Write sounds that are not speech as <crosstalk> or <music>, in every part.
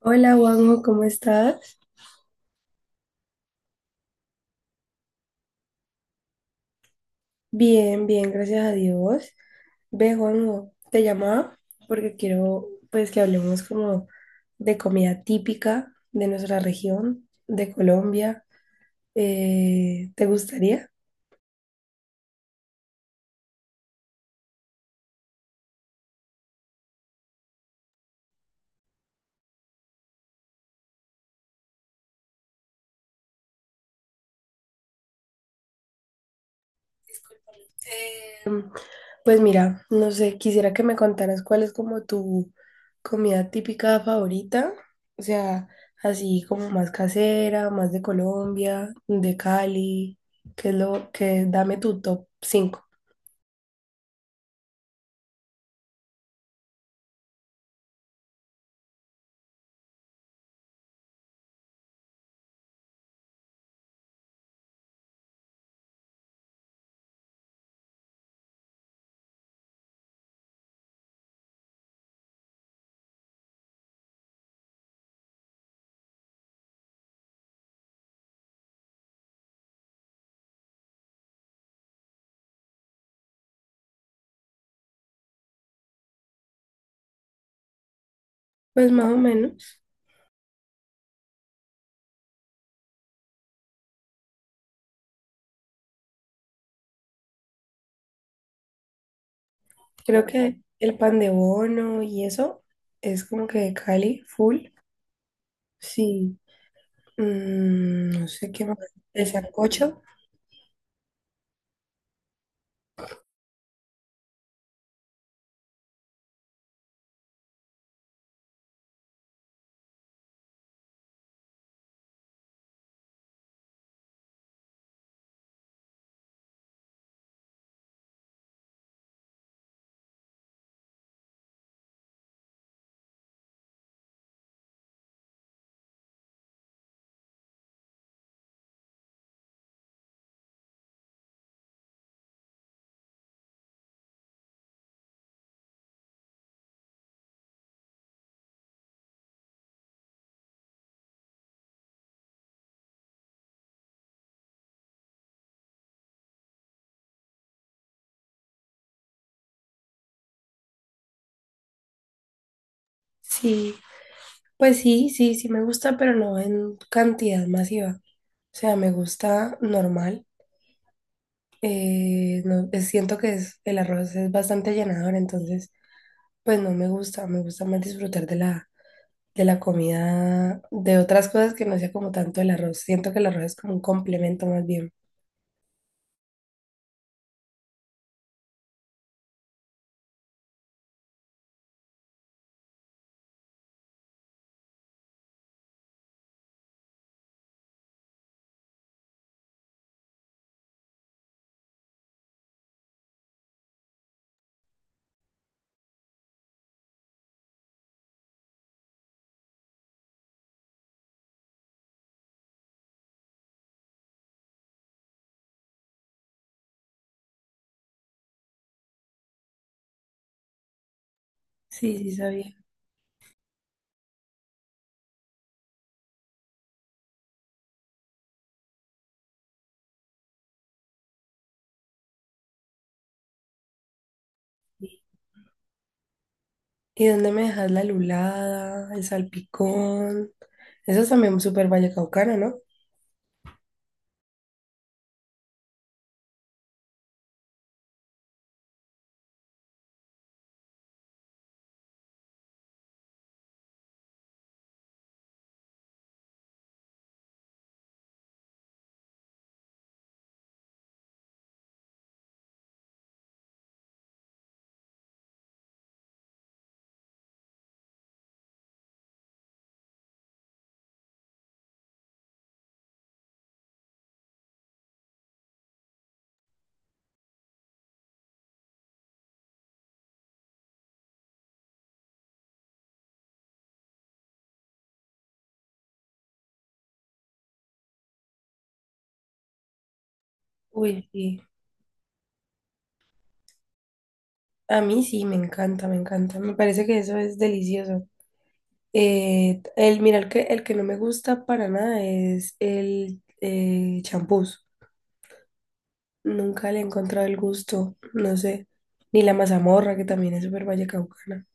Hola, Juanjo, ¿cómo estás? Bien, bien, gracias a Dios. Ve, Juanjo, te llamaba porque quiero, pues, que hablemos como de comida típica de nuestra región, de Colombia. ¿te gustaría? Discúlpame. Pues mira, no sé, quisiera que me contaras cuál es como tu comida típica favorita, o sea, así como más casera, más de Colombia, de Cali, que es lo que dame tu top 5. Pues más o menos, creo que el pan de bono y eso es como que de Cali, full. Sí, no sé qué más, el sancocho, sí. Pues sí, sí, sí me gusta, pero no en cantidad masiva. O sea, me gusta normal. No, siento que el arroz es bastante llenador, entonces pues no me gusta. Me gusta más disfrutar de de la comida, de otras cosas que no sea como tanto el arroz. Siento que el arroz es como un complemento más bien. Sí, sí, sabía. ¿Y dónde me dejas la lulada, el salpicón? Eso es también súper vallecaucano, ¿no? Uy, sí. A mí sí, me encanta, me encanta. Me parece que eso es delicioso. El, mira, el que no me gusta para nada es el champús. Nunca le he encontrado el gusto, no sé. Ni la mazamorra, que también es súper vallecaucana.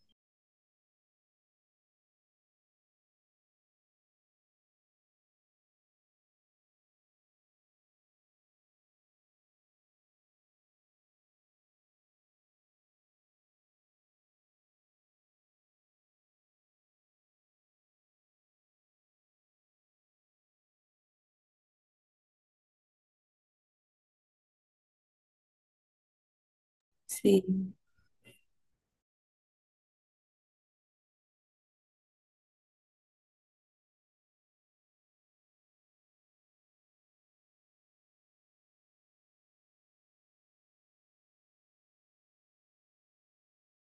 Sí.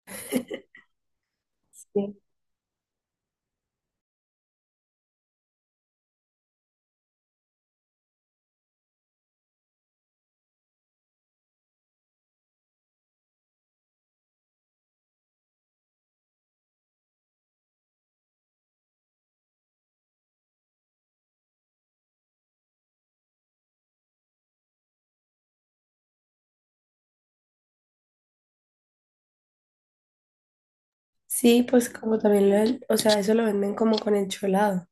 <laughs> Sí. Sí, pues como también lo, o sea, eso lo venden como con el cholado.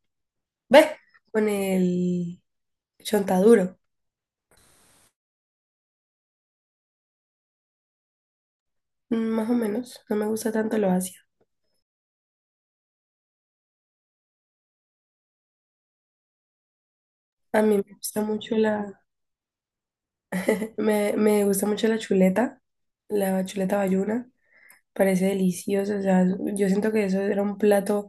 Ves. Con el chontaduro. Mm, más o menos. No me gusta tanto lo ácido. A mí me gusta mucho me gusta mucho la chuleta bayuna. Parece delicioso, o sea, yo siento que eso era un plato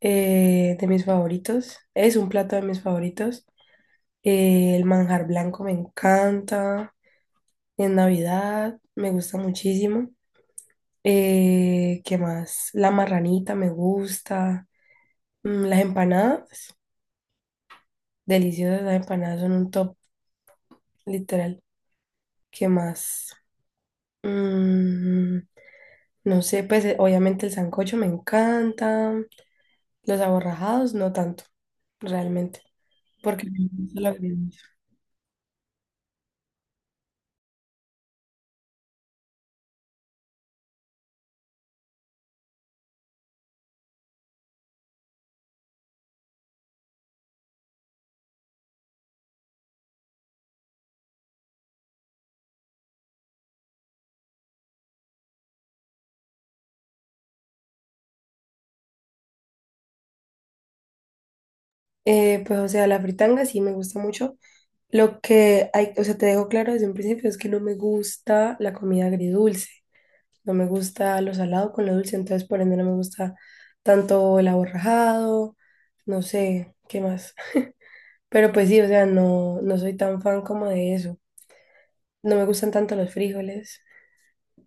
de mis favoritos, es un plato de mis favoritos. El manjar blanco me encanta, en Navidad me gusta muchísimo. ¿Qué más? La marranita me gusta. Las empanadas, deliciosas las empanadas, son un top, literal. ¿Qué más? Mm, no sé, pues obviamente el sancocho me encanta, los aborrajados no tanto, realmente. Porque me gusta la fritanga. Pues, o sea, la fritanga sí me gusta mucho. Lo que hay, o sea, te dejo claro desde un principio es que no me gusta la comida agridulce. No me gusta lo salado con lo dulce, entonces por ende no me gusta tanto el aborrajado, no sé, qué más. Pero pues sí, o sea, no, no soy tan fan como de eso. No me gustan tanto los frijoles.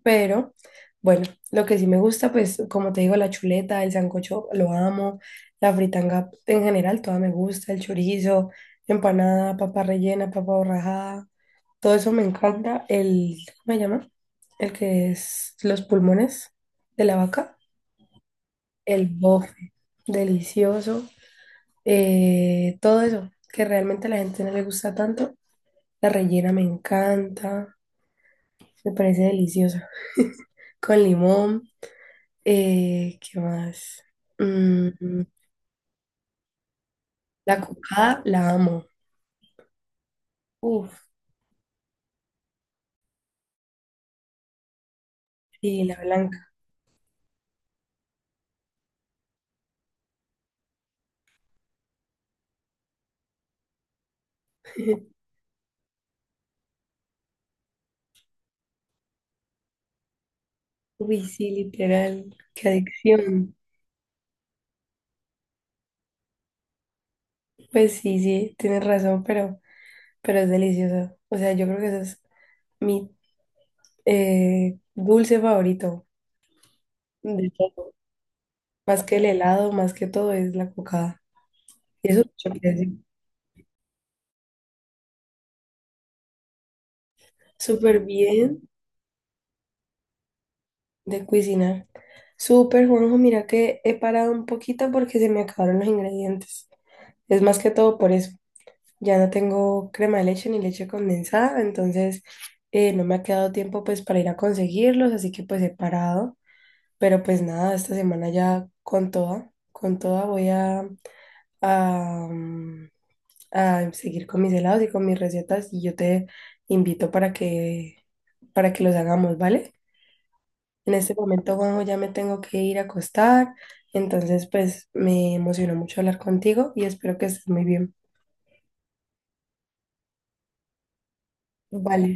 Pero bueno, lo que sí me gusta, pues como te digo, la chuleta, el sancocho, lo amo, la fritanga en general, toda me gusta, el chorizo, empanada, papa rellena, papa borrajada, todo eso me encanta. El, ¿cómo se llama? El que es los pulmones de la vaca, el bofe, delicioso, todo eso que realmente a la gente no le gusta tanto. La rellena me encanta, me parece deliciosa, <laughs> con limón. ¿Qué más? Mm, la cocada la amo. Uf, sí, la blanca. <laughs> Uy, sí, literal. Qué adicción. Pues sí, sí, tienes razón, pero es delicioso. O sea, yo creo que ese es mi dulce favorito de todo. Más que el helado, más que todo, es la cocada. Y eso es mucho que decir. Súper bien de cocinar. Súper, Juanjo, mira que he parado un poquito porque se me acabaron los ingredientes. Es más que todo por eso. Ya no tengo crema de leche ni leche condensada, entonces no me ha quedado tiempo pues para ir a conseguirlos, así que pues he parado. Pero pues nada, esta semana ya con toda voy a, mm, a seguir con mis helados y con mis recetas y yo te invito para que los hagamos, ¿vale? En este momento, Juanjo, ya me tengo que ir a acostar, entonces pues me emocionó mucho hablar contigo y espero que estés muy bien. Vale.